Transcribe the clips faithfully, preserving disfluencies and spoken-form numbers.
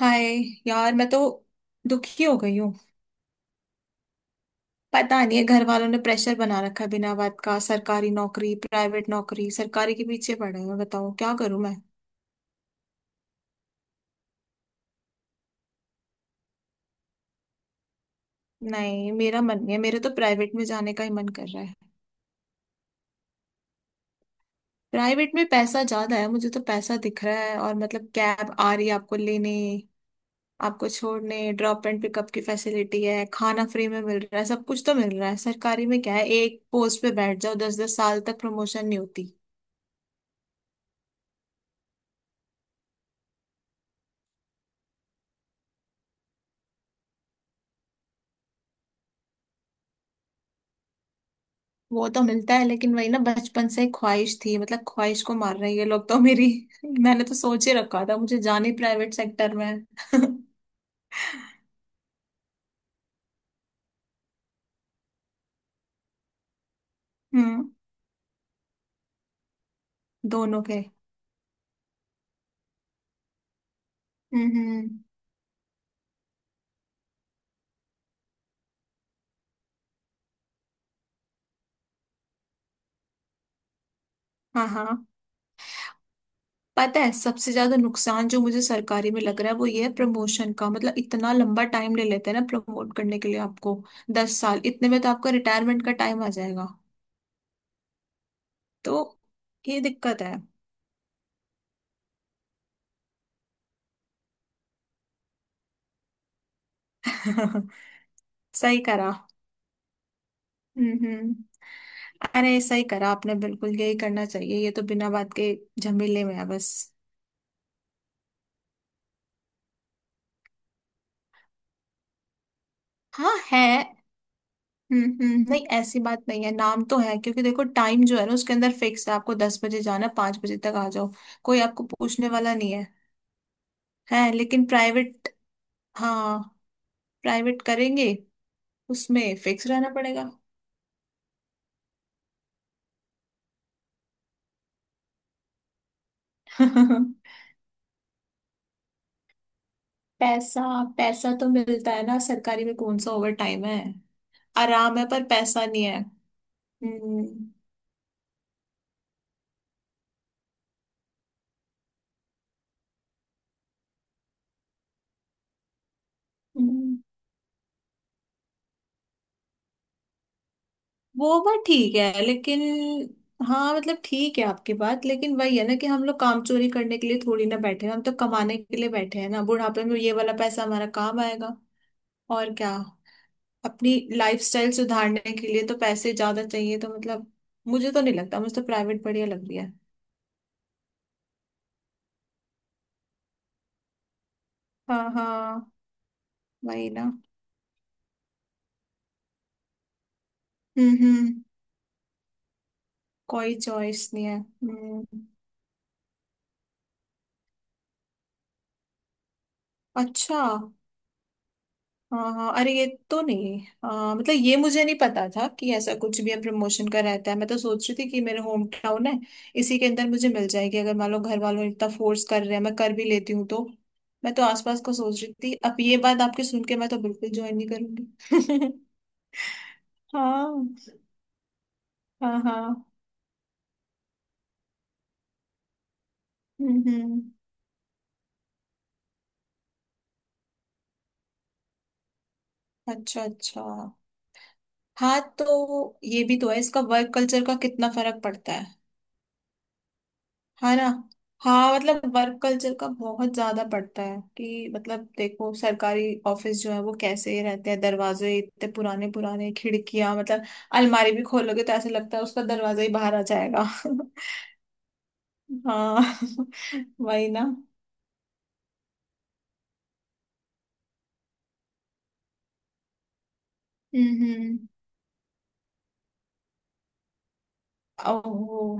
हाय। यार, मैं तो दुखी हो गई हूँ। पता नहीं, है घर वालों ने प्रेशर बना रखा है बिना बात का। सरकारी नौकरी, प्राइवेट नौकरी, सरकारी के पीछे पड़े हैं। बताओ क्या करूँ मैं। नहीं, मेरा मन नहीं है, मेरे तो प्राइवेट में जाने का ही मन कर रहा है। प्राइवेट में पैसा ज्यादा है, मुझे तो पैसा दिख रहा है। और मतलब कैब आ रही है आपको लेने, आपको छोड़ने, ड्रॉप एंड पिकअप की फैसिलिटी है। खाना फ्री में मिल रहा है, सब कुछ तो मिल रहा है। सरकारी में क्या है, एक पोस्ट पे बैठ जाओ दस दस साल तक प्रमोशन नहीं होती। वो तो मिलता है लेकिन वही ना, बचपन से ख्वाहिश थी, मतलब ख्वाहिश को मार रहे हैं ये लोग तो मेरी। मैंने तो सोच ही रखा था मुझे जाने प्राइवेट सेक्टर में है। हम्म। दोनों के। हम्म, हम्म। हाँ हाँ। पता है, सबसे ज्यादा नुकसान जो मुझे सरकारी में लग रहा है वो ये है प्रमोशन का, मतलब इतना लंबा टाइम ले लेते हैं ना प्रमोट करने के लिए आपको। दस साल, इतने में तो आपका रिटायरमेंट का टाइम आ जाएगा। तो ये दिक्कत है। सही करा। हम्म हम्म। अरे ऐसा ही करा आपने, बिल्कुल यही करना चाहिए, ये तो बिना बात के झमेले में है बस। हाँ है। हम्म हम्म। नहीं, ऐसी बात नहीं है, नाम तो है क्योंकि देखो, टाइम जो है ना उसके अंदर फिक्स है, आपको दस बजे जाना पांच बजे तक आ जाओ, कोई आपको पूछने वाला नहीं है। है लेकिन प्राइवेट, हाँ, प्राइवेट करेंगे उसमें फिक्स रहना पड़ेगा। पैसा, पैसा तो मिलता है ना, सरकारी में कौन सा ओवर टाइम है। आराम है पर पैसा नहीं है। हम्म हम्म। वो बात ठीक है लेकिन, हाँ मतलब ठीक है आपकी बात, लेकिन वही है ना कि हम लोग काम चोरी करने के लिए थोड़ी ना बैठे हैं, हम तो कमाने के लिए बैठे हैं ना, बुढ़ापे में ये वाला पैसा हमारा काम आएगा। और क्या, अपनी लाइफस्टाइल सुधारने के लिए तो पैसे ज्यादा चाहिए तो मतलब, मुझे तो नहीं लगता, मुझे तो प्राइवेट बढ़िया लग रही है। हाँ हाँ, वही ना। हम्म हम्म, कोई चॉइस नहीं है हम्म। अच्छा। हाँ हाँ, अरे ये तो नहीं। आ, मतलब ये मुझे नहीं पता था कि ऐसा कुछ भी है प्रमोशन का रहता है, मैं तो सोच रही थी कि मेरे होम टाउन है इसी के अंदर मुझे मिल जाएगी, अगर मान लो घर वालों ने इतना फोर्स कर रहे हैं मैं कर भी लेती हूँ तो। मैं तो आसपास को सोच रही थी, अब ये बात आपके सुन के मैं तो बिल्कुल ज्वाइन नहीं करूंगी। हाँ हाँ हाँ। हम्म हम्म। अच्छा अच्छा, हाँ तो ये भी तो है, इसका वर्क कल्चर का कितना फर्क पड़ता है है ना। हाँ मतलब वर्क कल्चर का बहुत ज्यादा पड़ता है, कि मतलब देखो सरकारी ऑफिस जो है वो कैसे रहते हैं, दरवाजे इतने पुराने पुराने, खिड़कियां मतलब, अलमारी भी खोलोगे तो ऐसा लगता है उसका दरवाजा ही बाहर आ जाएगा। हाँ वही ना। हम्म। ओह,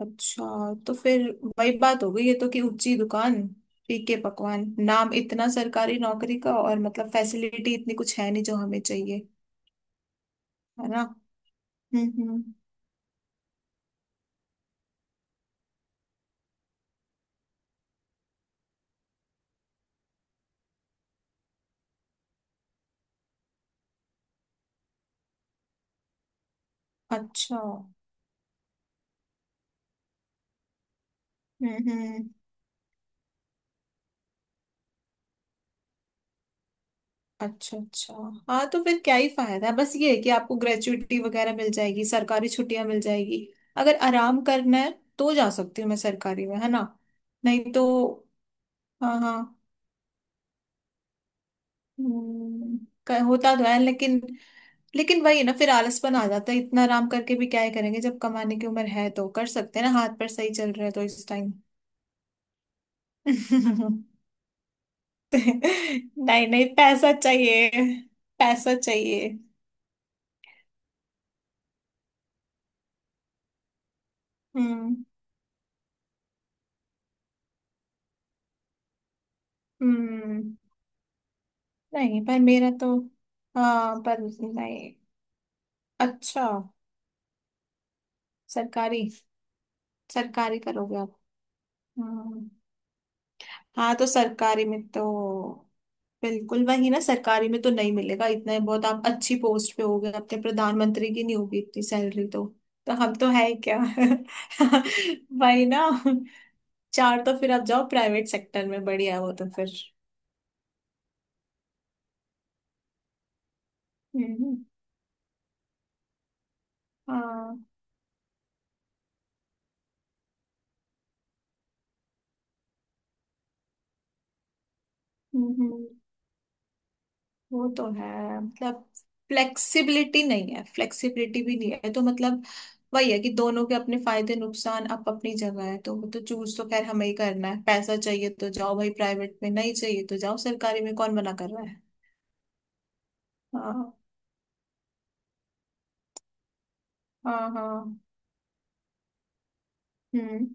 अच्छा, तो फिर वही बात हो गई है तो, कि ऊंची दुकान फीके पकवान, नाम इतना सरकारी नौकरी का और मतलब फैसिलिटी इतनी कुछ है नहीं जो हमें चाहिए। है ना। हम्म हम्म। अच्छा, हम्म हम्म। अच्छा अच्छा, हाँ तो फिर क्या ही फायदा है, बस ये है कि आपको ग्रेचुइटी वगैरह मिल जाएगी, सरकारी छुट्टियां मिल जाएगी, अगर आराम करना है तो जा सकती हूँ मैं सरकारी में, है ना। नहीं तो। हाँ हाँ। हम्म, क- होता तो है लेकिन, लेकिन वही है ना, फिर आलसपन आ जाता है, इतना आराम करके भी क्या ही करेंगे, जब कमाने की उम्र है तो कर सकते हैं ना, हाथ पर सही चल रहे हैं तो इस टाइम। नहीं नहीं, पैसा चाहिए, पैसा चाहिए। हम्म हम्म। नहीं पर मेरा तो, हाँ पर नहीं। अच्छा, सरकारी, सरकारी करोगे आप। हम्म। हाँ तो सरकारी में तो, बिल्कुल वही ना, सरकारी में तो नहीं मिलेगा इतना ही बहुत। आप अच्छी पोस्ट पे होगे, अपने प्रधानमंत्री की नहीं होगी इतनी सैलरी तो। तो हम तो है ही क्या। वही ना, चार, तो फिर आप जाओ प्राइवेट सेक्टर में, बढ़िया है वो तो फिर। हम्म। हाँ। हम्म हम्म। वो तो है मतलब, फ्लेक्सिबिलिटी नहीं है, फ्लेक्सिबिलिटी भी नहीं है तो मतलब, वही है कि दोनों के अपने फायदे नुकसान अप अपनी जगह है, तो वो तो चूज तो खैर हमें ही करना है। पैसा चाहिए तो जाओ भाई प्राइवेट में, नहीं चाहिए तो जाओ सरकारी में, कौन मना कर रहा है। हाँ हाँ हाँ। हम्म।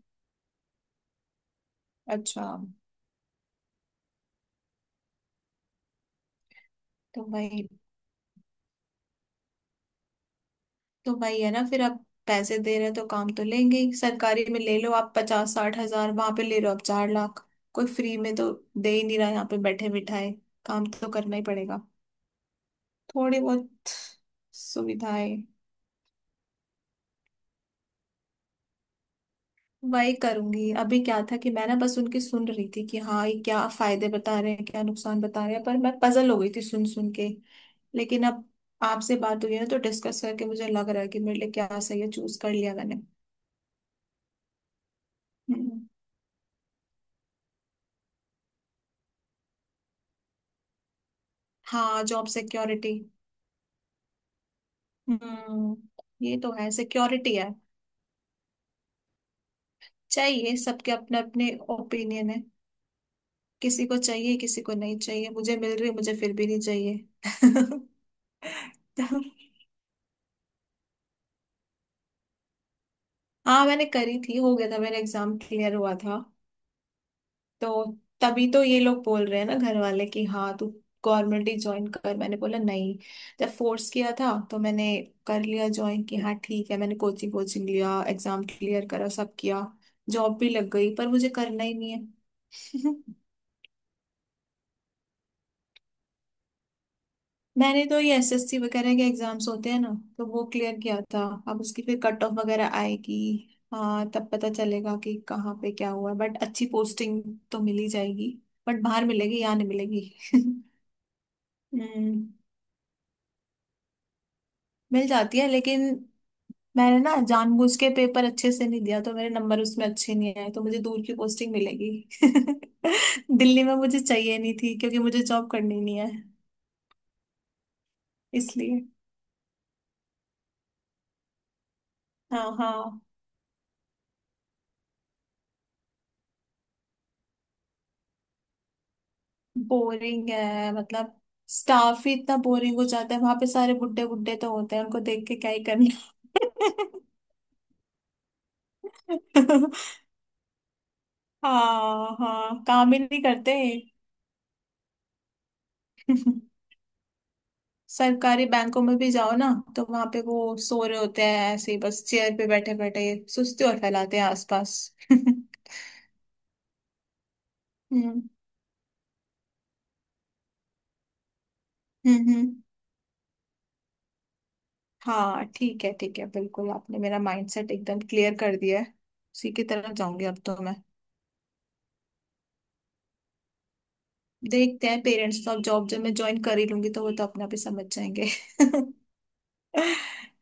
अच्छा, तो भाई, तो भाई है ना, फिर आप पैसे दे रहे हैं तो काम तो लेंगे ही। सरकारी में ले लो आप पचास साठ हज़ार, वहां पे ले रहे हो आप चार लाख। कोई फ्री में तो दे ही नहीं रहा, यहाँ पे बैठे बिठाए काम तो करना ही पड़ेगा। थोड़ी बहुत सुविधाएं, वही करूंगी। अभी क्या था कि मैं ना बस उनकी सुन रही थी, कि हाँ ये क्या फायदे बता रहे हैं, क्या नुकसान बता रहे हैं, पर मैं पजल हो गई थी सुन सुन के। लेकिन अब आपसे बात हुई है ना, तो डिस्कस करके मुझे लग रहा है कि मेरे लिए क्या सही है, चूज कर लिया मैंने। हम्म, हाँ जॉब सिक्योरिटी। हम्म, ये तो है, सिक्योरिटी है। चाहिए, सबके अपने अपने ओपिनियन है, किसी को चाहिए, किसी को नहीं चाहिए, मुझे मिल रही, मुझे फिर भी नहीं चाहिए। हाँ, मैंने करी थी, हो गया था मेरा एग्जाम क्लियर हुआ था। तो तभी तो ये लोग बोल रहे हैं ना घर वाले, कि हाँ तू गवर्नमेंट ही ज्वाइन कर। मैंने बोला नहीं, जब फोर्स किया था तो मैंने कर लिया ज्वाइन कि हाँ ठीक है, मैंने कोचिंग कोचिंग लिया, एग्जाम क्लियर करा, सब किया, जॉब भी लग गई, पर मुझे करना ही नहीं है। मैंने तो ये एसएससी वगैरह के एग्जाम्स होते हैं ना, तो वो क्लियर किया था, अब उसकी फिर कट ऑफ वगैरह आएगी। हाँ, तब पता चलेगा कि कहाँ पे क्या हुआ, बट अच्छी पोस्टिंग तो मिल ही जाएगी, बट बाहर मिलेगी, यहाँ नहीं मिलेगी। हम्म। मिल जाती है लेकिन मैंने ना जानबूझ के पेपर अच्छे से नहीं दिया, तो मेरे नंबर उसमें अच्छे नहीं आए, तो मुझे दूर की पोस्टिंग मिलेगी। दिल्ली में मुझे चाहिए नहीं थी, क्योंकि मुझे जॉब करनी नहीं है, इसलिए। हाँ हाँ। बोरिंग है, मतलब स्टाफ ही इतना बोरिंग हो जाता है, वहां पे सारे बुड्ढे बुड्ढे तो होते हैं, उनको देख के क्या ही करना। हाँ हाँ, काम ही नहीं करते। सरकारी बैंकों में भी जाओ ना, तो वहां पे वो सो रहे होते हैं, ऐसे ही बस चेयर पे बैठे बैठे, सुस्ती और फैलाते हैं आसपास। हम्म हम्म हम्म। हाँ ठीक है, ठीक है, बिल्कुल आपने मेरा माइंडसेट एकदम क्लियर कर दिया है, उसी की तरफ जाऊंगी अब तो मैं। देखते हैं, पेरेंट्स तो, अब जॉब जब मैं ज्वाइन कर ही लूंगी तो वो तो अपने आप ही समझ जाएंगे।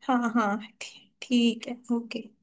हाँ हाँ, ठी- ठीक है, ओके।